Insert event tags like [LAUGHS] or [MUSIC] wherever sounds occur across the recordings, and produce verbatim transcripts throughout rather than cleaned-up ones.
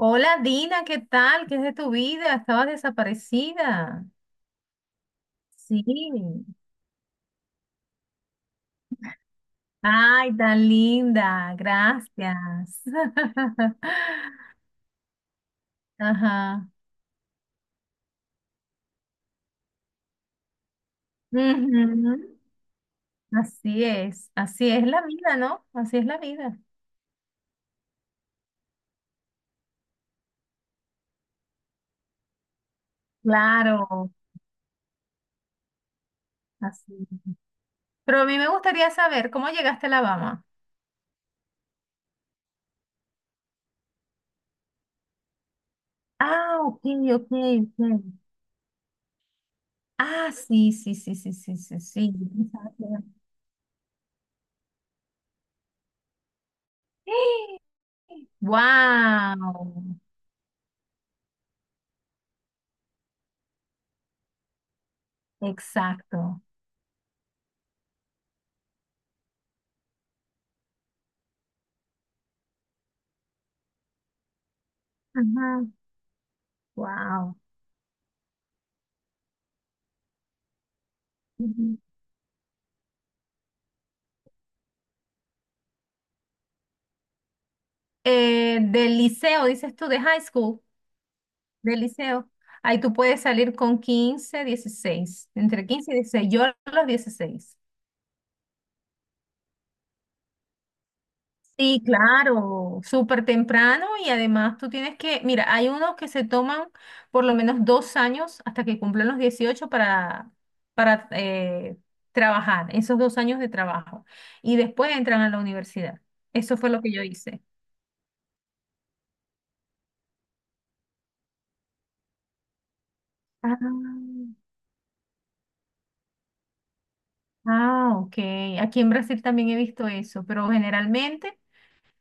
Hola Dina, ¿qué tal? ¿Qué es de tu vida? Estabas desaparecida. Sí. Ay, tan linda. Gracias. [LAUGHS] Ajá. Ujú. Así es. Así es la vida, ¿no? Así es la vida. Claro, así. Pero a mí me gustaría saber cómo llegaste a Alabama. Ah, ok, ok, ok. Ah, sí, sí, sí, sí, sí, sí, sí. [GASPS] Yo pensaba que era- ¡Eh! Wow, exacto. Ajá. Wow. Ujú. Eh, del liceo, dices tú, de high school, del liceo. Ahí tú puedes salir con quince, dieciséis, entre quince y dieciséis. Yo a los dieciséis. Sí, claro, súper temprano y además tú tienes que, mira, hay unos que se toman por lo menos dos años hasta que cumplen los dieciocho para, para eh, trabajar, esos dos años de trabajo. Y después entran a la universidad. Eso fue lo que yo hice. Ah. Ah, ok. Aquí en Brasil también he visto eso, pero generalmente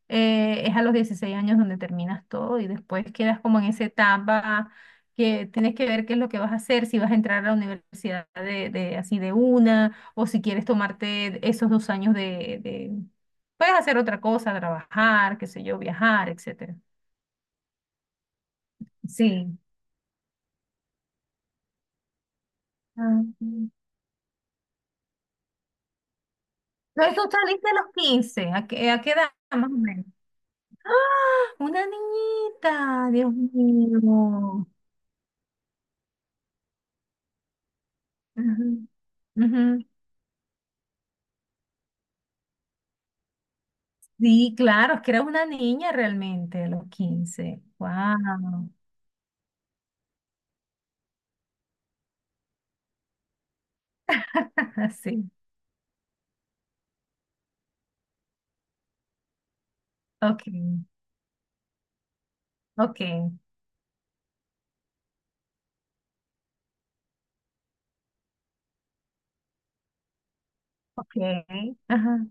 eh, es a los dieciséis años donde terminas todo y después quedas como en esa etapa que tienes que ver qué es lo que vas a hacer, si vas a entrar a la universidad de, de- así de una o si quieres tomarte esos dos años. de, de- Puedes hacer otra cosa, trabajar, qué sé yo, viajar, etcétera. Sí. Ah, ok. ¿Entonces tú saliste a los quince? ¿a qué, a qué edad más o menos? ¡Ah! Una niñita, Dios mío. Ujú, ujú. Sí, claro, es que era una niña realmente a los quince. Wow. [LAUGHS] Sí, ok, ok, ok. Ajá.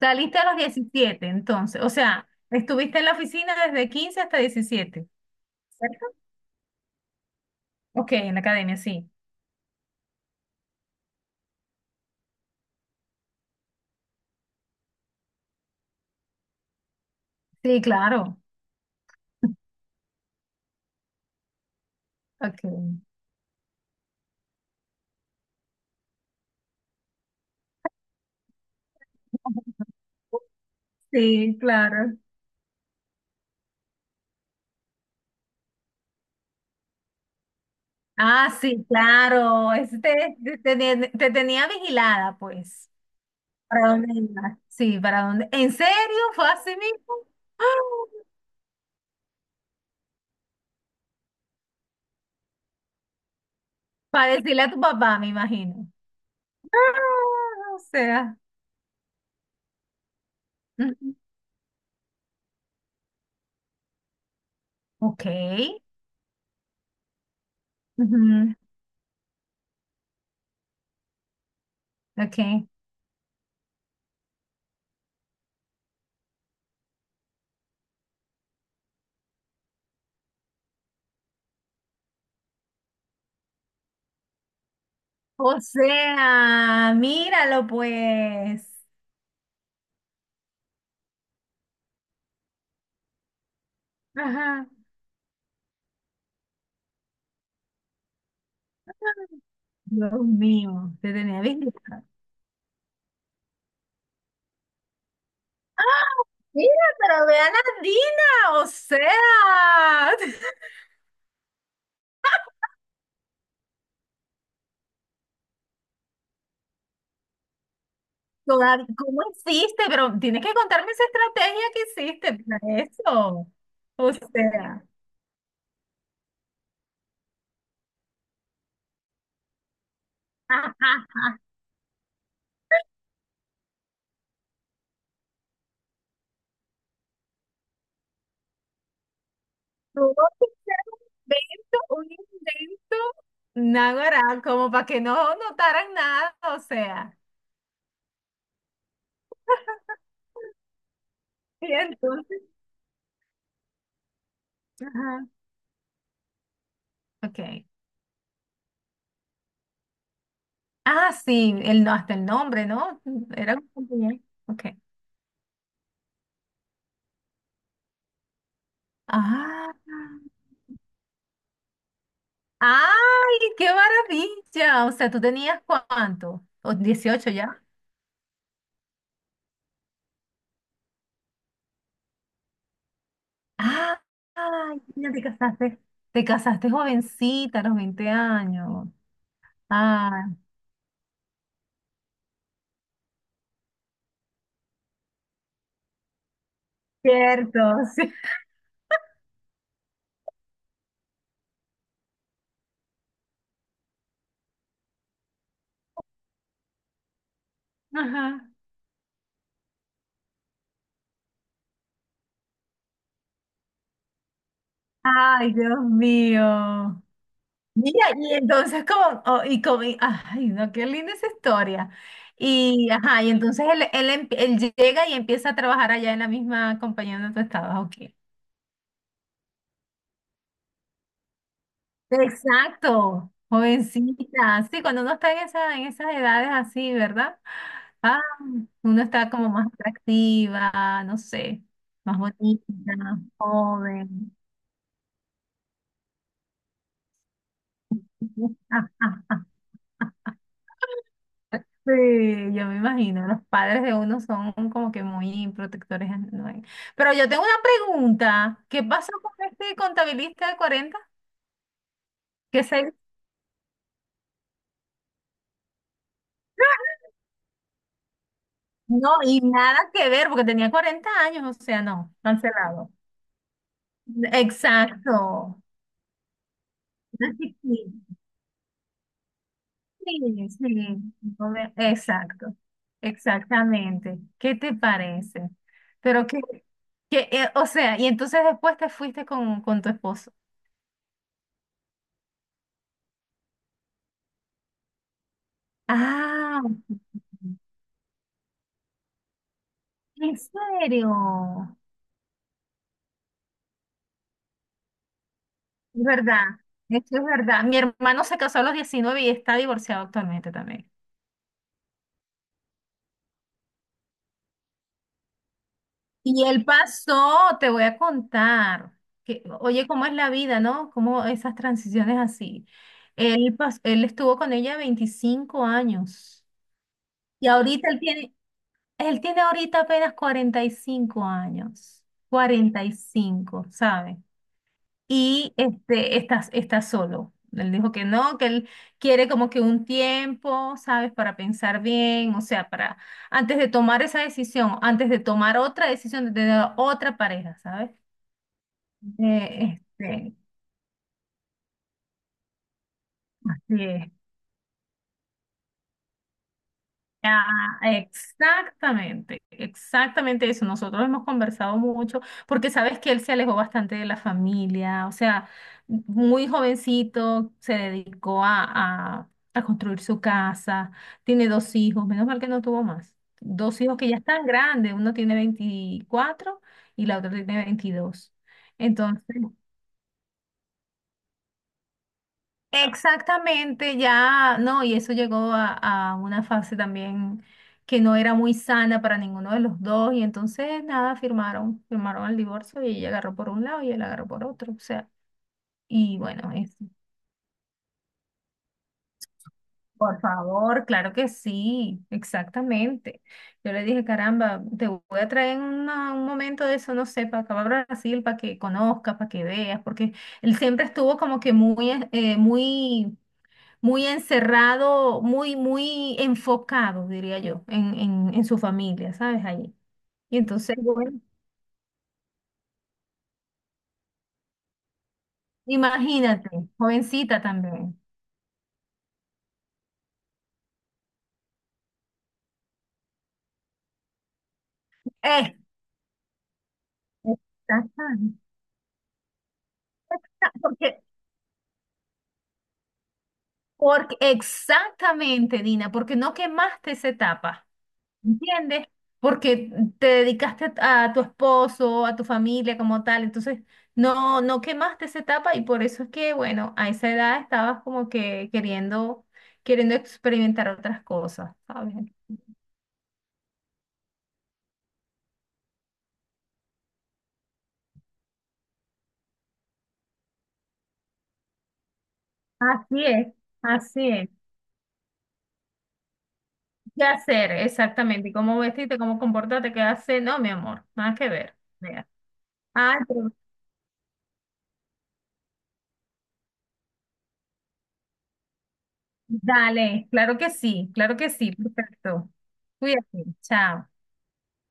Saliste a los diecisiete, entonces, o sea, estuviste en la oficina desde quince hasta diecisiete. ¿Cierto? Ok, en la academia, sí. Sí, claro. [LAUGHS] Ok. [LAUGHS] Sí, claro. Ah, sí, claro. Este, te, te tenía, te tenía vigilada, pues. ¿Para dónde ibas? Sí, ¿para dónde? ¿En serio? ¿Fue así mismo? [GASPS] ¡Ah! Para decirle a tu papá, me imagino. Ah, o sea. Ujú. Ok. Ujú, ok. O sea, míralo, pues. Ajá. Dios mío, te tenía vigilada. Mira, pero vean a Dina, o sea. [LAUGHS] Toda- ¿Cómo hiciste? Pero tienes que contarme esa estrategia que hiciste para eso. O sea, ajá, tuvo que ser un invento, un invento, náguara, como para que no notaran nada, o sea. Y entonces, ajá, ok. Ah, sí, el, no- hasta el nombre, ¿no? Era un compañero. Ok. Ah, ¡ay, qué maravilla! O sea, ¿tú tenías cuánto? ¿O dieciocho ya? Ah, ay, mira, te casaste. Te casaste jovencita, a los veinte años. Ah, cierto. [LAUGHS] Sí. Ajá. Ay, Dios mío. Mira, y entonces como, oh, y como, y- ay, no, qué linda esa historia. Y, ajá, y entonces él, él, em- él llega y empieza a trabajar allá en la misma compañía donde tú estabas, ok. Exacto, jovencita. Sí, cuando uno está en esa, en esas edades así, ¿verdad? Ah, uno está como más atractiva, no sé, más bonita, más joven. [LAUGHS] Ah, ah, ah. Sí, yo me imagino, los padres de uno son como que muy protectores, ¿no? Pero yo tengo una pregunta, ¿qué pasó con este contabilista de cuarenta? Que se... No, y nada que ver, porque tenía cuarenta años, o sea, no, cancelado. Exacto. Una chiquita. Sí, sí, obvia- exacto, exactamente. ¿Qué te parece? Pero que, que eh, o sea, y entonces después te fuiste con, con tu esposo. Ah, en serio, es verdad, esto es verdad. Mi hermano se casó a los diecinueve y está divorciado actualmente también. Y él pasó, te voy a contar, que, oye, cómo es la vida, ¿no? Cómo esas transiciones así. Él, pas- él estuvo con ella veinticinco años. Y ahorita él tiene, él tiene ahorita apenas cuarenta y cinco años, cuarenta y cinco, ¿sabes? Y este, está, está solo. Él dijo que no, que él quiere como que un tiempo, ¿sabes? Para pensar bien, o sea, para antes de tomar esa decisión, antes de tomar otra decisión de tener otra pareja, ¿sabes? Eh, este, sí. Ah, exactamente, exactamente eso. Nosotros hemos conversado mucho porque sabes que él se alejó bastante de la familia, o sea, muy jovencito se dedicó a, a, a construir su casa, tiene dos hijos, menos mal que no tuvo más. Dos hijos que ya están grandes, uno tiene veinticuatro y la otra tiene veintidós. Entonces, exactamente, ya, no, y eso llegó a, a una fase también que no era muy sana para ninguno de los dos, y entonces nada, firmaron, firmaron el divorcio y ella agarró por un lado y él agarró por otro, o sea, y bueno, es, por favor, claro que sí, exactamente. Yo le dije, caramba, te voy a traer en una- un momento de eso, no sé, para acá para Brasil, para que conozcas, para que veas, porque él siempre estuvo como que muy, eh, muy muy encerrado, muy, muy enfocado, diría yo, en, en, en su familia, ¿sabes? Allí. Y entonces, bueno, imagínate, jovencita también. Eh, Exactamente. [LAUGHS] Porque, porque, exactamente, Dina, porque no quemaste esa etapa. ¿Entiendes? Porque te dedicaste a, a tu esposo, a tu familia como tal, entonces no, no quemaste esa etapa y por eso es que, bueno, a esa edad estabas como que queriendo, queriendo, experimentar otras cosas, ¿sabes? Así es, así es. ¿Qué hacer exactamente? ¿Y cómo vestirte? ¿Cómo comportarte? ¿Qué hacer? No, mi amor, nada que ver. Vea. Ah, pero- dale, claro que sí, claro que sí, perfecto. Cuídate, chao.